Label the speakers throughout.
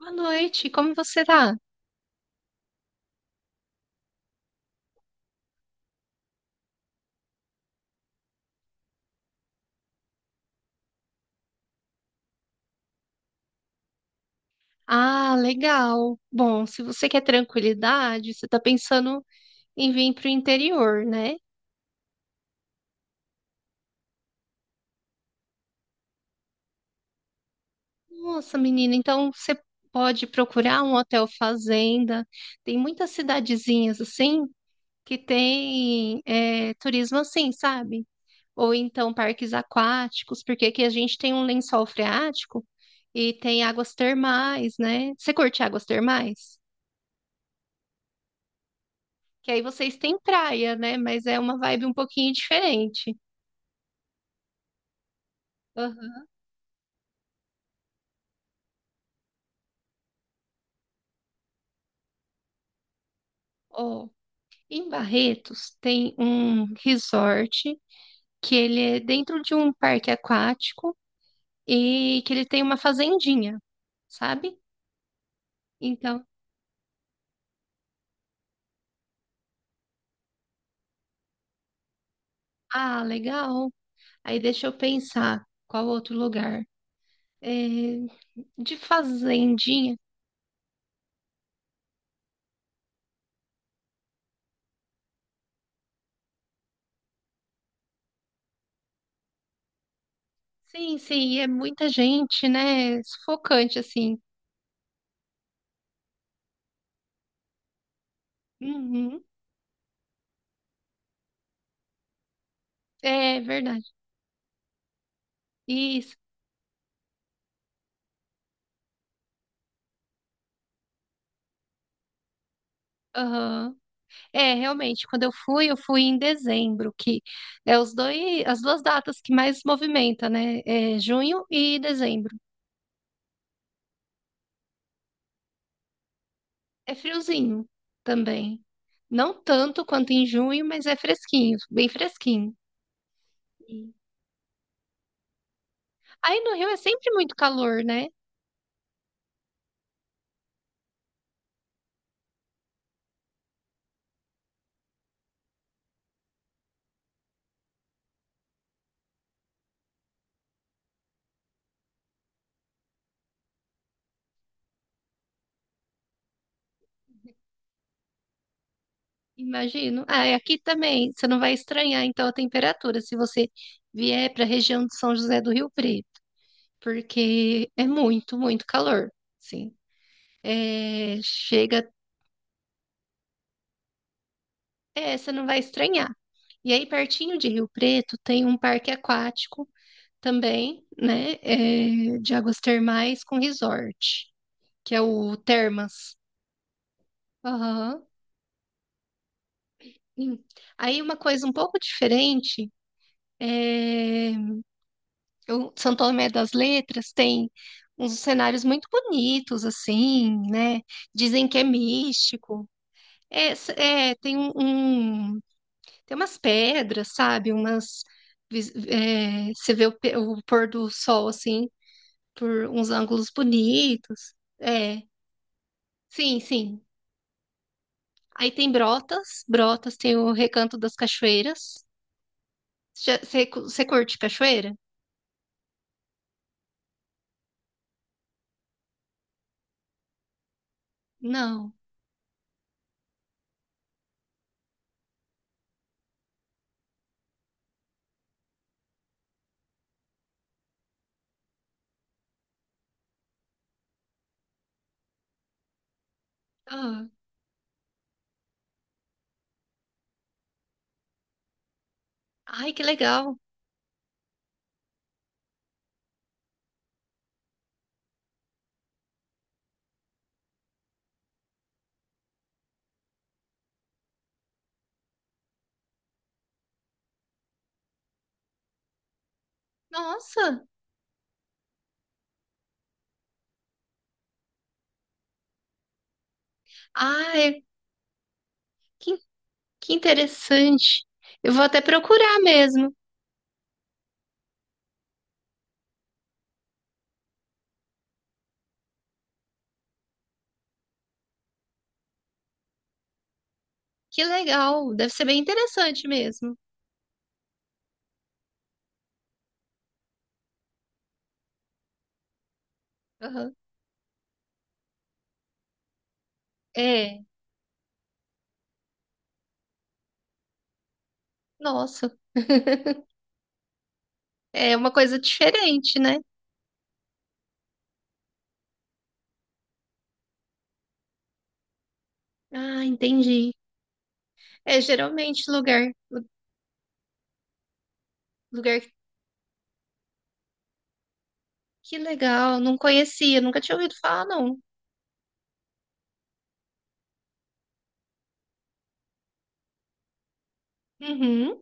Speaker 1: Boa noite, como você tá? Ah, legal. Bom, se você quer tranquilidade, você tá pensando em vir pro interior, né? Nossa, menina, então você pode procurar um hotel fazenda. Tem muitas cidadezinhas assim que tem turismo assim, sabe? Ou então parques aquáticos, porque aqui a gente tem um lençol freático e tem águas termais, né? Você curte águas termais? Que aí vocês têm praia, né? Mas é uma vibe um pouquinho diferente. Aham. Ó, em Barretos tem um resort que ele é dentro de um parque aquático e que ele tem uma fazendinha, sabe? Então, ah, legal. Aí deixa eu pensar qual outro lugar. É, de fazendinha. Sim, sim, é muita gente, né? Sufocante, assim. Uhum. É verdade. Isso. Aham. É, realmente, quando eu fui em dezembro, que é os dois, as duas datas que mais movimenta, né? É junho e dezembro. É friozinho também. Não tanto quanto em junho, mas é fresquinho, bem fresquinho. Sim. Aí no Rio é sempre muito calor, né? Imagino. Ah, e aqui também, você não vai estranhar então a temperatura se você vier para a região de São José do Rio Preto, porque é muito, muito calor. Sim. É, chega, você não vai estranhar. E aí, pertinho de Rio Preto, tem um parque aquático também, né? De águas termais com resort, que é o Termas. Aham. Hum. Aí, uma coisa um pouco diferente, é, o São Tomé das Letras tem uns cenários muito bonitos, assim, né? Dizem que é místico. Tem tem umas pedras, sabe? Umas. Você vê o pôr do sol assim por uns ângulos bonitos. É, sim, sim. Aí tem Brotas, Brotas tem o Recanto das Cachoeiras. Já- Você curte cachoeira? Não. Ah, ai, que legal. Nossa, ai, que, que interessante. Eu vou até procurar mesmo. Que legal, deve ser bem interessante mesmo. Aham. É, nossa, é uma coisa diferente, né? Ah, entendi. É geralmente lugar, lugar Que legal, não conhecia, nunca tinha ouvido falar, não. Uhum.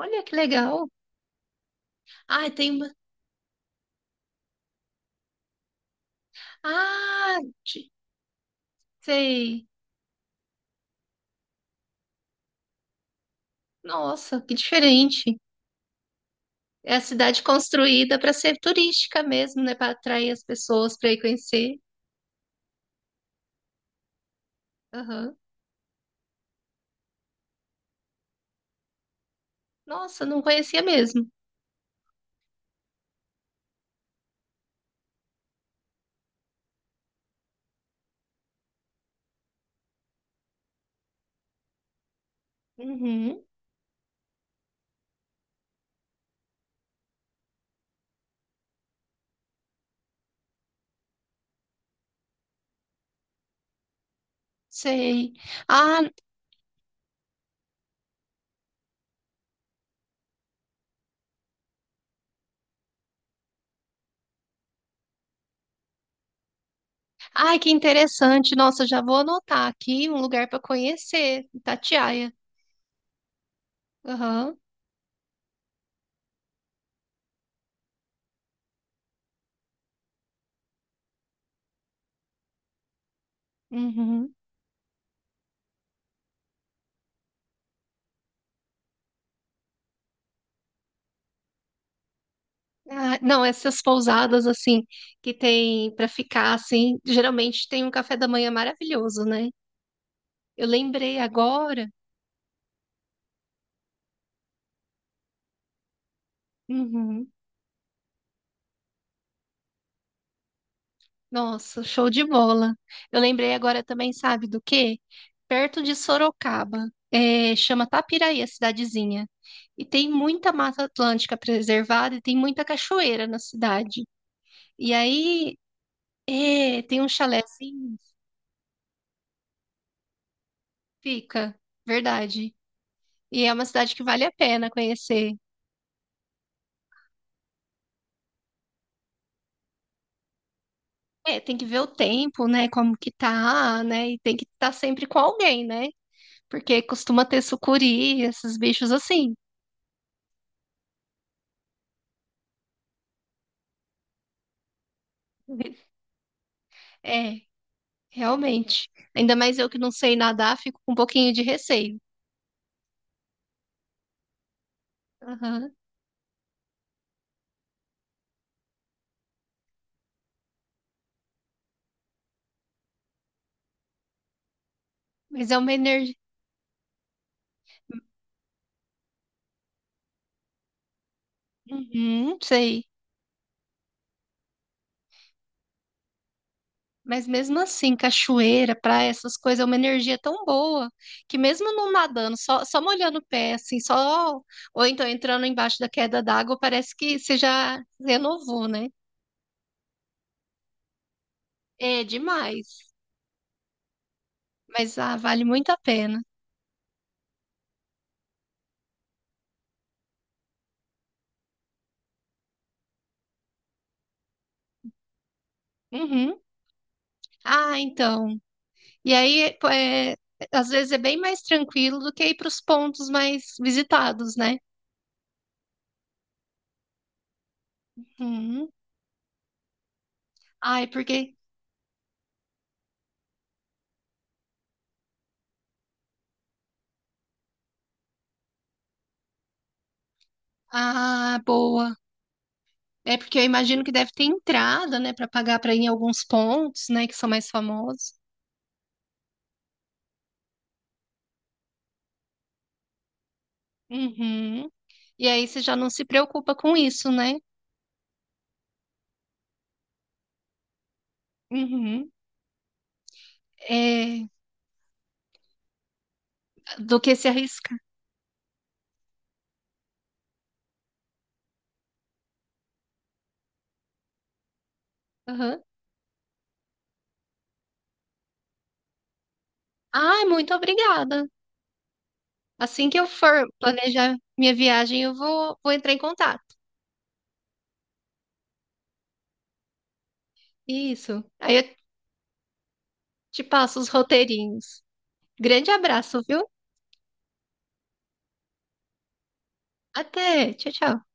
Speaker 1: Olha que legal. Ah, tem uma. Ah, de- sei. Nossa, que diferente. É a cidade construída para ser turística mesmo, né? Para atrair as pessoas para ir conhecer. Aham. Nossa, não conhecia mesmo. Uhum. Sei. Ah, ai, que interessante. Nossa, já vou anotar aqui um lugar para conhecer, Itatiaia. Aham. Uhum. Ah, não, essas pousadas assim que tem para ficar assim, geralmente tem um café da manhã maravilhoso, né? Eu lembrei agora. Uhum. Nossa, show de bola. Eu lembrei agora também, sabe do quê? Perto de Sorocaba, chama Tapiraí, a cidadezinha. E tem muita mata atlântica preservada e tem muita cachoeira na cidade. E aí, tem um chalézinho, fica, verdade. E é uma cidade que vale a pena conhecer. É, tem que ver o tempo, né? Como que tá, né? E tem que estar sempre com alguém, né? Porque costuma ter sucuri, esses bichos assim. É, realmente. Ainda mais eu que não sei nadar, fico com um pouquinho de receio. Aham. Mas é uma energia. Uhum, sei. Mas mesmo assim, cachoeira, praia, essas coisas, é uma energia tão boa que mesmo não nadando, só, só molhando o pé, assim, só. Ou então entrando embaixo da queda d'água, parece que você já renovou, né? É demais. Mas ah, vale muito a pena. Uhum. Ah, então. E aí, pô, às vezes é bem mais tranquilo do que ir para os pontos mais visitados, né? Uhum. Ai, porque. Ah, boa. É porque eu imagino que deve ter entrada, né, para pagar para ir em alguns pontos, né, que são mais famosos. Uhum. E aí você já não se preocupa com isso, né? Uhum. É, do que se arriscar. Uhum. Ai, muito obrigada. Assim que eu for planejar minha viagem, eu vou entrar em contato. Isso. Aí eu te passo os roteirinhos. Grande abraço, viu? Até. Tchau, tchau.